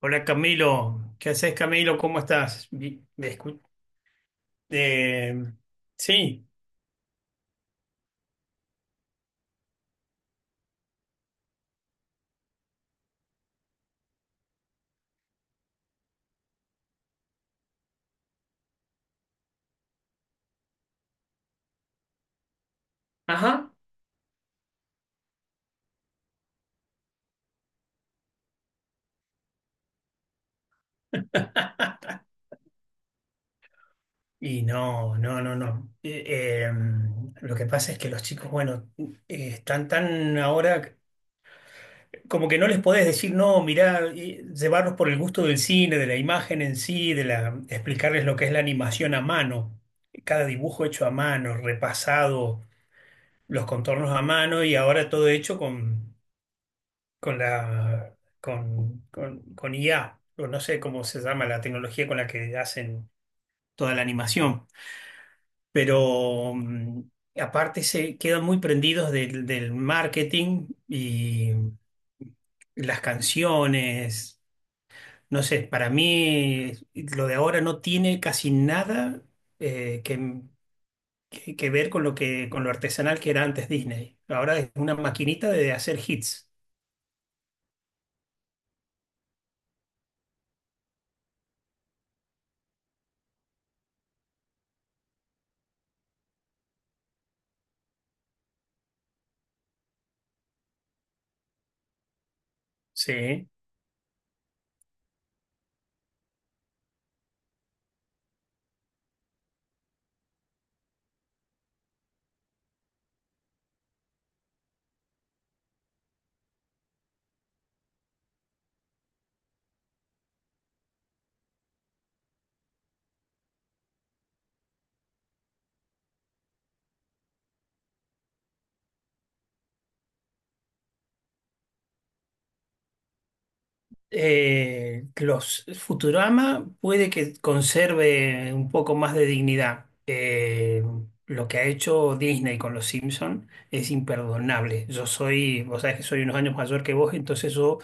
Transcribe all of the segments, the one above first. Hola Camilo, ¿qué haces Camilo? ¿Cómo estás? Vi- ¿Me escu- eh, sí. Ajá. No, no, no, no. Eh, lo que pasa es que los chicos, bueno, están tan ahora como que no les podés decir, no, mirá, y llevarlos por el gusto del cine, de la imagen en sí, de la, explicarles lo que es la animación a mano, cada dibujo hecho a mano, repasado, los contornos a mano y ahora todo hecho con la con, con IA, o no sé cómo se llama la tecnología con la que hacen toda la animación, pero aparte se quedan muy prendidos del marketing y las canciones, no sé, para mí lo de ahora no tiene casi nada eh, que, que ver con lo con lo artesanal que era antes Disney. Ahora es una maquinita de hacer hits. Sí. Los Futurama puede que conserve un poco más de dignidad. Lo que ha hecho Disney con los Simpson es imperdonable. Yo soy, vos sabés que soy unos años mayor que vos, entonces yo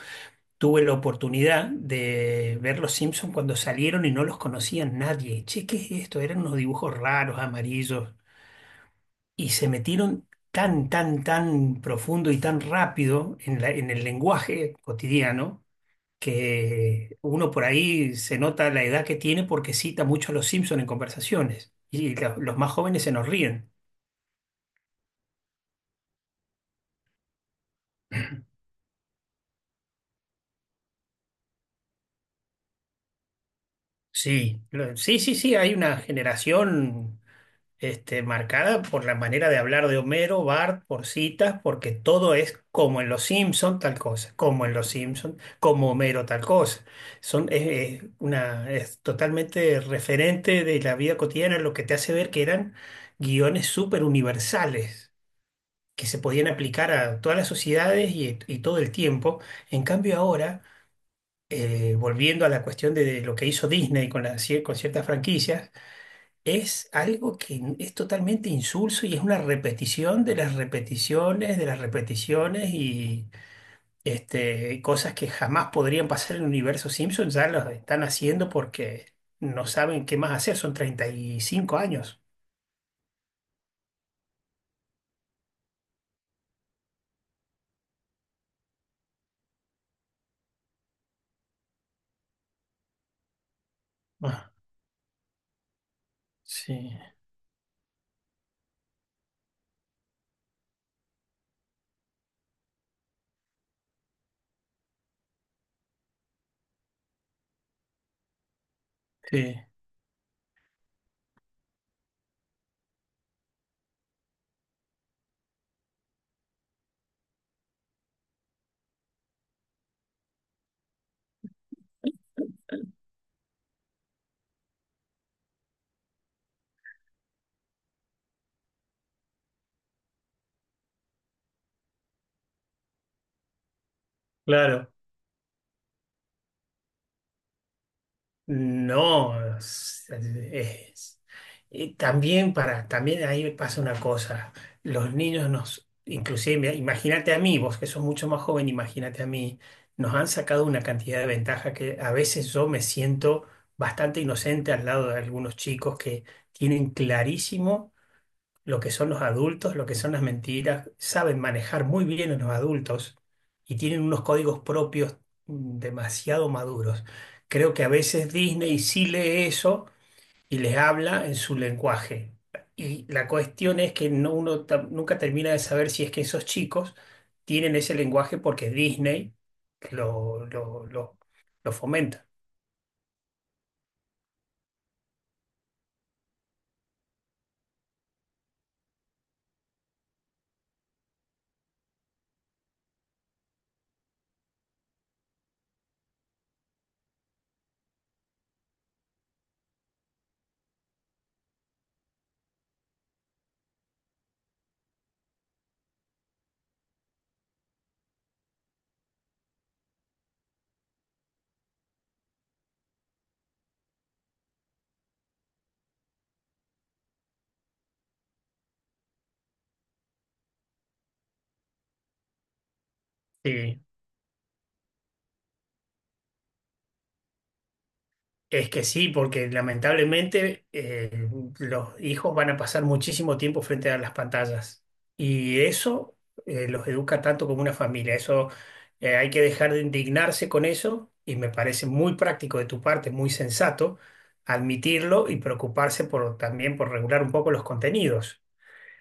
tuve la oportunidad de ver los Simpson cuando salieron y no los conocía nadie. Che, ¿qué es esto? Eran unos dibujos raros, amarillos, y se metieron tan, tan, tan profundo y tan rápido en la- en el lenguaje cotidiano que uno por ahí se nota la edad que tiene porque cita mucho a los Simpson en conversaciones y lo- los más jóvenes se nos ríen. Sí, lo- sí, sí, sí, hay una generación este, marcada por la manera de hablar de Homero, Bart, por citas, porque todo es como en los Simpson tal cosa, como en los Simpson, como Homero tal cosa. Son, es una, es totalmente referente de la vida cotidiana, lo que te hace ver que eran guiones súper universales, que se podían aplicar a todas las sociedades y todo el tiempo. En cambio ahora, volviendo a la cuestión de lo que hizo Disney con, las cier- con ciertas franquicias, es algo que n- es totalmente insulso y es una repetición de las repeticiones y este, cosas que jamás podrían pasar en el universo Simpson, ya las están haciendo porque no saben qué más hacer, son 35 años. Ah, sí, sí, claro. No, es- y también para, también ahí me pasa una cosa. Los niños nos, inclusive, mira, imagínate a mí, vos que sos mucho más joven, imagínate a mí, nos han sacado una cantidad de ventaja que a veces yo me siento bastante inocente al lado de algunos chicos que tienen clarísimo lo que son los adultos, lo que son las mentiras, saben manejar muy bien a los adultos y tienen unos códigos propios, demasiado maduros. Creo que a veces Disney sí lee eso y les habla en su lenguaje. Y la cuestión es que no, uno ta- nunca termina de saber si es que esos chicos tienen ese lenguaje porque Disney lo, lo, lo, lo fomenta. Sí. Es que sí, porque lamentablemente los hijos van a pasar muchísimo tiempo frente a las pantallas y eso los educa tanto como una familia. Eso Hay que dejar de indignarse con eso y me parece muy práctico de tu parte, muy sensato admitirlo y preocuparse por, también por regular un poco los contenidos,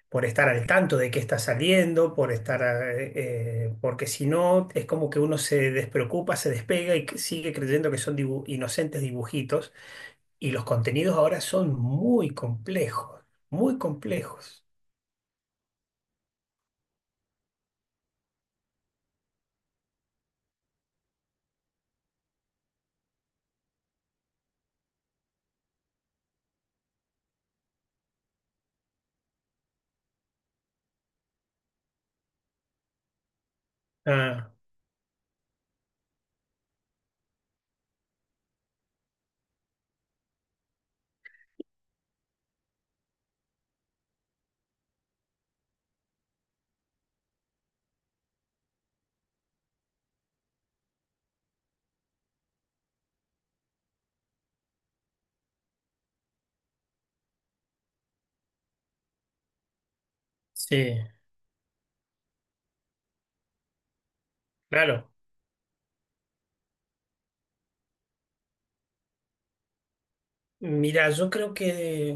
por estar al tanto de qué está saliendo, por porque si no es como que uno se despreocupa, se despega y que sigue creyendo que son dibu- inocentes dibujitos y los contenidos ahora son muy complejos, muy complejos. Ah, sí, claro. Mira, yo creo que,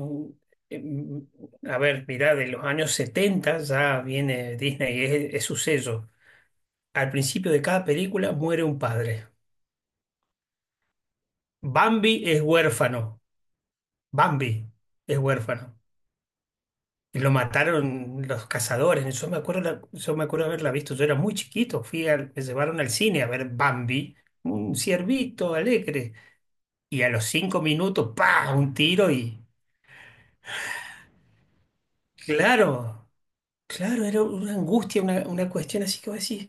mm, a ver, mira, de los años 70 ya viene Disney, es su sello. Al principio de cada película muere un padre. Bambi es huérfano, Bambi es huérfano. Y lo mataron los cazadores. Yo me acuerdo, la- yo me acuerdo haberla visto, yo era muy chiquito, fui al- me llevaron al cine a ver Bambi, un ciervito alegre. Y a los 5 minutos, ¡pa! Un tiro y... Claro, claro, era una angustia, una cuestión así que vos decís.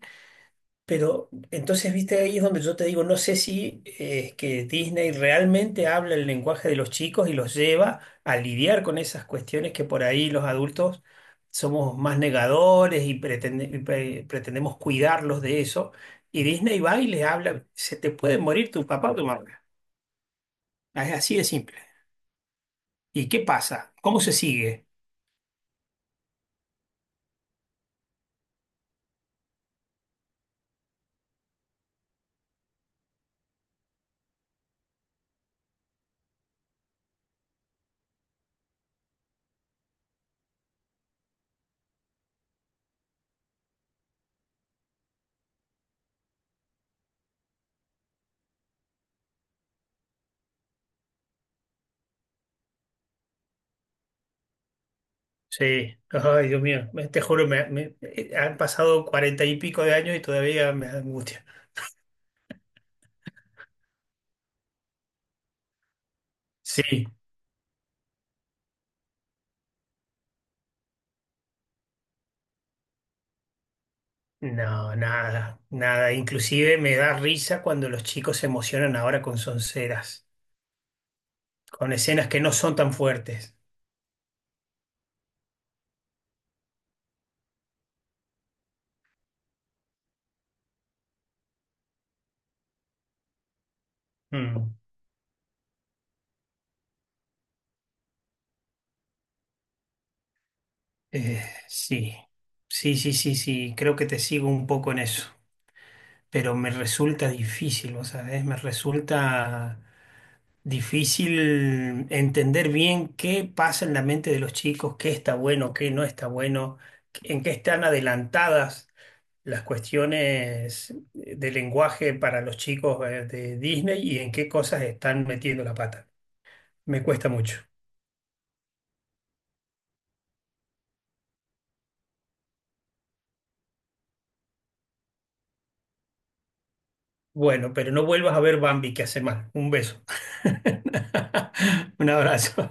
Pero entonces, viste, ahí es donde yo te digo, no sé si es que Disney realmente habla el lenguaje de los chicos y los lleva a lidiar con esas cuestiones que por ahí los adultos somos más negadores y, pretende- y pre- pretendemos cuidarlos de eso. Y Disney va y les habla, se te puede morir tu papá o tu mamá. Es así de simple. ¿Y qué pasa? ¿Cómo se sigue? Sí, ay, Dios mío, me- te juro, me- han pasado 40 y pico de años y todavía me da angustia. Sí, no, nada, nada. Inclusive me da risa cuando los chicos se emocionan ahora con sonceras, con escenas que no son tan fuertes. Mm, eh, sí, sí, sí, sí, sí, creo que te sigo un poco en eso. Pero me resulta difícil, ¿vos sabés? Me resulta difícil entender bien qué pasa en la mente de los chicos, qué está bueno, qué no está bueno, en qué están adelantadas las cuestiones de lenguaje para los chicos de Disney y en qué cosas están metiendo la pata. Me cuesta mucho. Bueno, pero no vuelvas a ver Bambi que hace mal. Un beso. Un abrazo.